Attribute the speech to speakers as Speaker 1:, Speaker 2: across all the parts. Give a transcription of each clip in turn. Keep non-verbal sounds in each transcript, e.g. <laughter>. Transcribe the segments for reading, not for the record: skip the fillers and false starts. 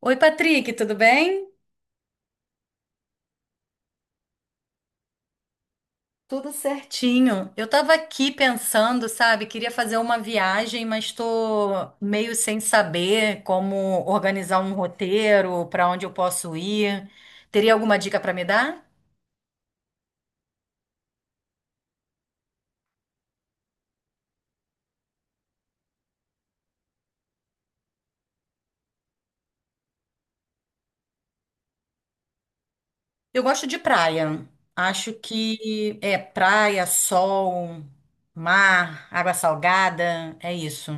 Speaker 1: Oi, Patrick, tudo bem? Tudo certinho. Eu tava aqui pensando, sabe, queria fazer uma viagem, mas tô meio sem saber como organizar um roteiro, para onde eu posso ir. Teria alguma dica para me dar? Eu gosto de praia. Acho que é praia, sol, mar, água salgada, é isso.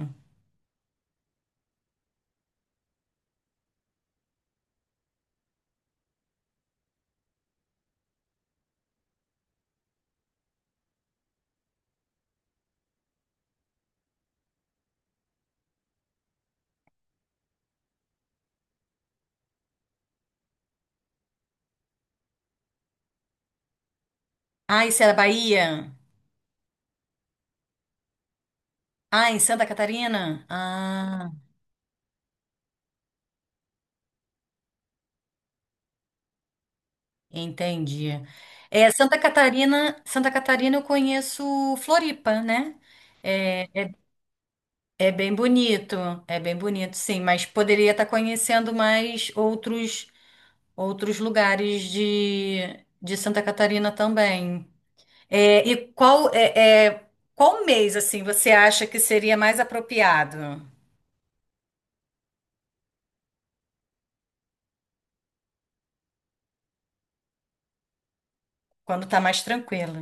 Speaker 1: Ah, isso é da Bahia? Ah, em Santa Catarina? Ah. Entendi. Santa Catarina eu conheço Floripa, né? É, é, é bem bonito, sim, mas poderia estar conhecendo mais outros lugares de Santa Catarina também. É, e qual é, é, Qual mês assim você acha que seria mais apropriado? Quando está mais tranquilo.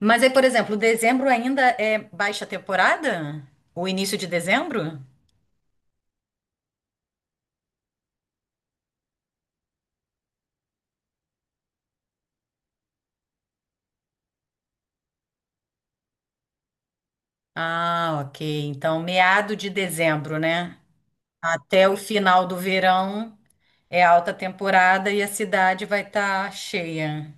Speaker 1: Mas aí, por exemplo, dezembro ainda é baixa temporada? O início de dezembro? Ah, ok. Então, meado de dezembro, né? Até o final do verão é alta temporada e a cidade vai estar cheia.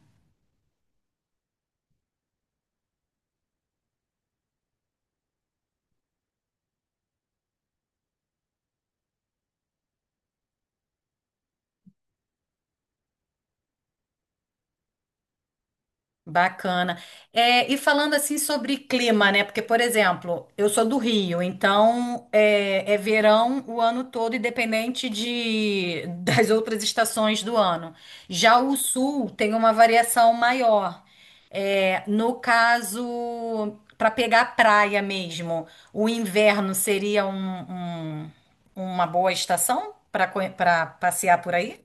Speaker 1: Bacana. É, e falando assim sobre clima, né? Porque, por exemplo, eu sou do Rio, então é verão o ano todo, independente <laughs> das outras estações do ano. Já o sul tem uma variação maior. É, no caso, para pegar praia mesmo, o inverno seria uma boa estação para passear por aí?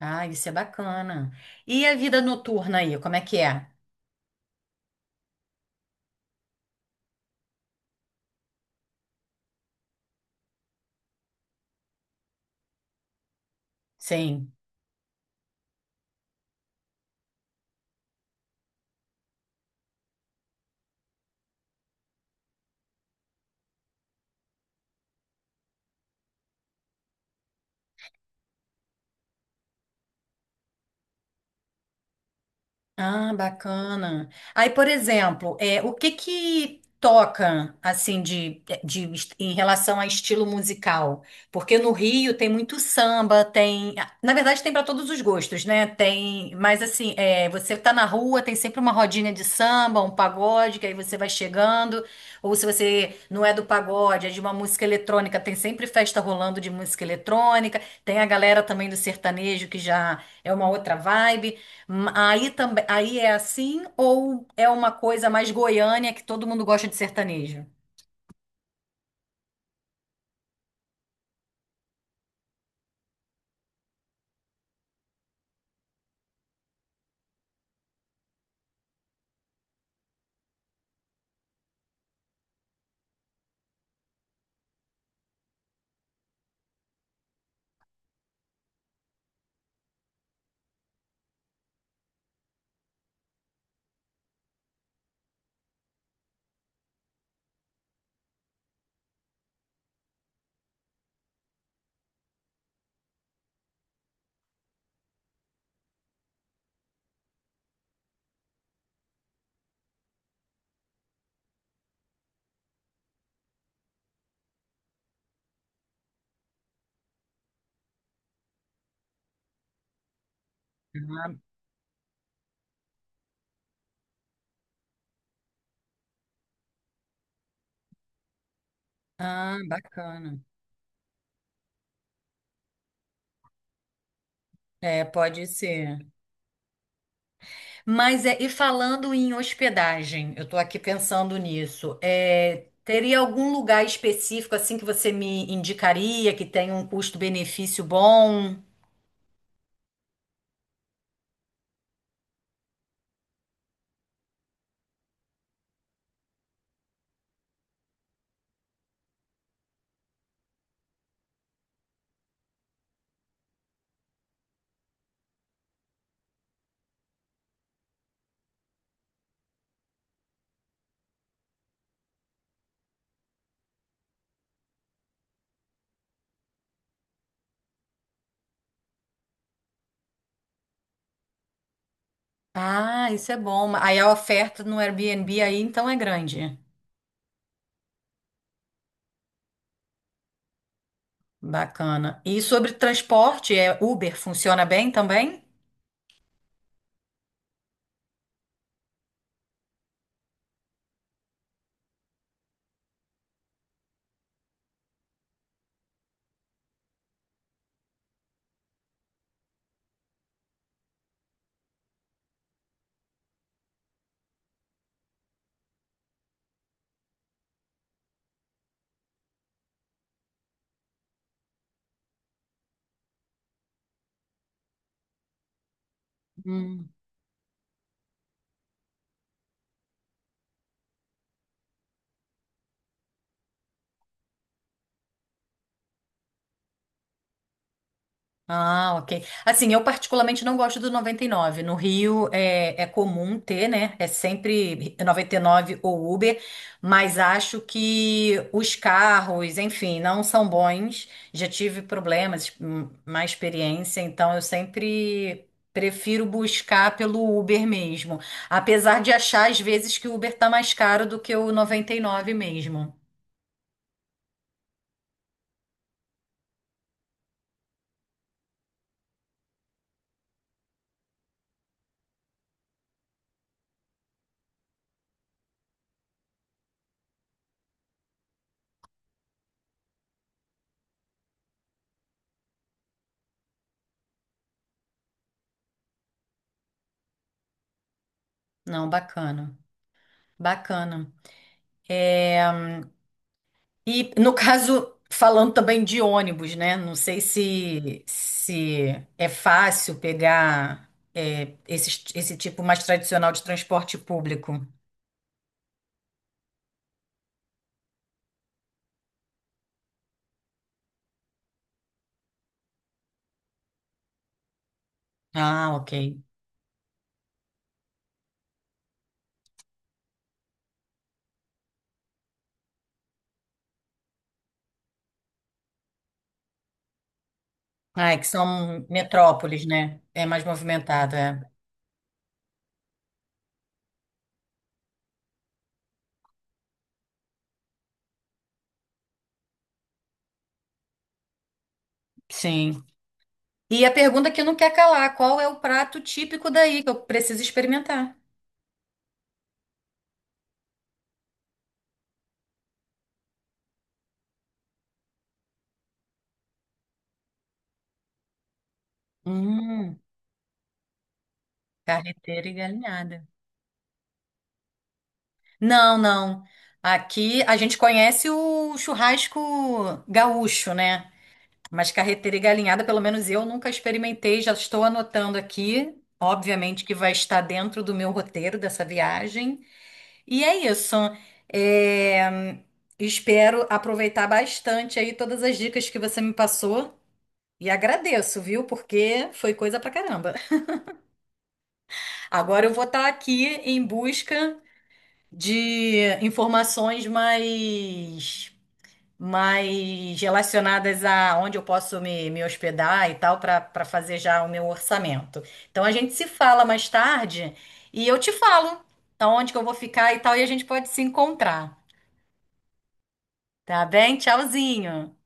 Speaker 1: Ah, isso é bacana. E a vida noturna aí, como é que é? Sim. Ah, bacana. Aí, por exemplo, é, o que que toca assim de em relação a estilo musical? Porque no Rio tem muito samba, tem, na verdade tem para todos os gostos, né? Tem, mas assim, é, você tá na rua, tem sempre uma rodinha de samba, um pagode, que aí você vai chegando, ou se você não é do pagode, é de uma música eletrônica, tem sempre festa rolando de música eletrônica, tem a galera também do sertanejo que já é uma outra vibe. Aí também, aí é assim, ou é uma coisa mais goiânia que todo mundo gosta de sertanejo? Ah, bacana. É, pode ser. Mas é, e falando em hospedagem, eu tô aqui pensando nisso. É, teria algum lugar específico assim que você me indicaria que tenha um custo-benefício bom? Ah, isso é bom. Aí a oferta no Airbnb aí então é grande. Bacana. E sobre transporte, é, Uber funciona bem também? Hum. Ah, ok. Assim, eu particularmente não gosto do 99. No Rio é comum ter, né? É sempre 99 ou Uber, mas acho que os carros, enfim, não são bons. Já tive problemas, má experiência, então eu sempre prefiro buscar pelo Uber mesmo. Apesar de achar às vezes que o Uber tá mais caro do que o 99 mesmo. Não, bacana. Bacana. É, e no caso, falando também de ônibus, né? Não sei se é fácil pegar, é, esse tipo mais tradicional de transporte público. Ah, ok. Ah, é que são metrópoles, né? É mais movimentado, é. Sim. E a pergunta que não quer calar, qual é o prato típico daí que eu preciso experimentar? Hum, carreteira e galinhada. Não, não. Aqui a gente conhece o churrasco gaúcho, né? Mas carreteira e galinhada, pelo menos eu nunca experimentei, já estou anotando aqui. Obviamente que vai estar dentro do meu roteiro dessa viagem. E é isso. É, espero aproveitar bastante aí todas as dicas que você me passou. E agradeço, viu? Porque foi coisa pra caramba. Agora eu vou estar aqui em busca de informações mais relacionadas a onde eu posso me hospedar e tal, para fazer já o meu orçamento. Então a gente se fala mais tarde e eu te falo aonde que eu vou ficar e tal, e a gente pode se encontrar, tá bem? Tchauzinho.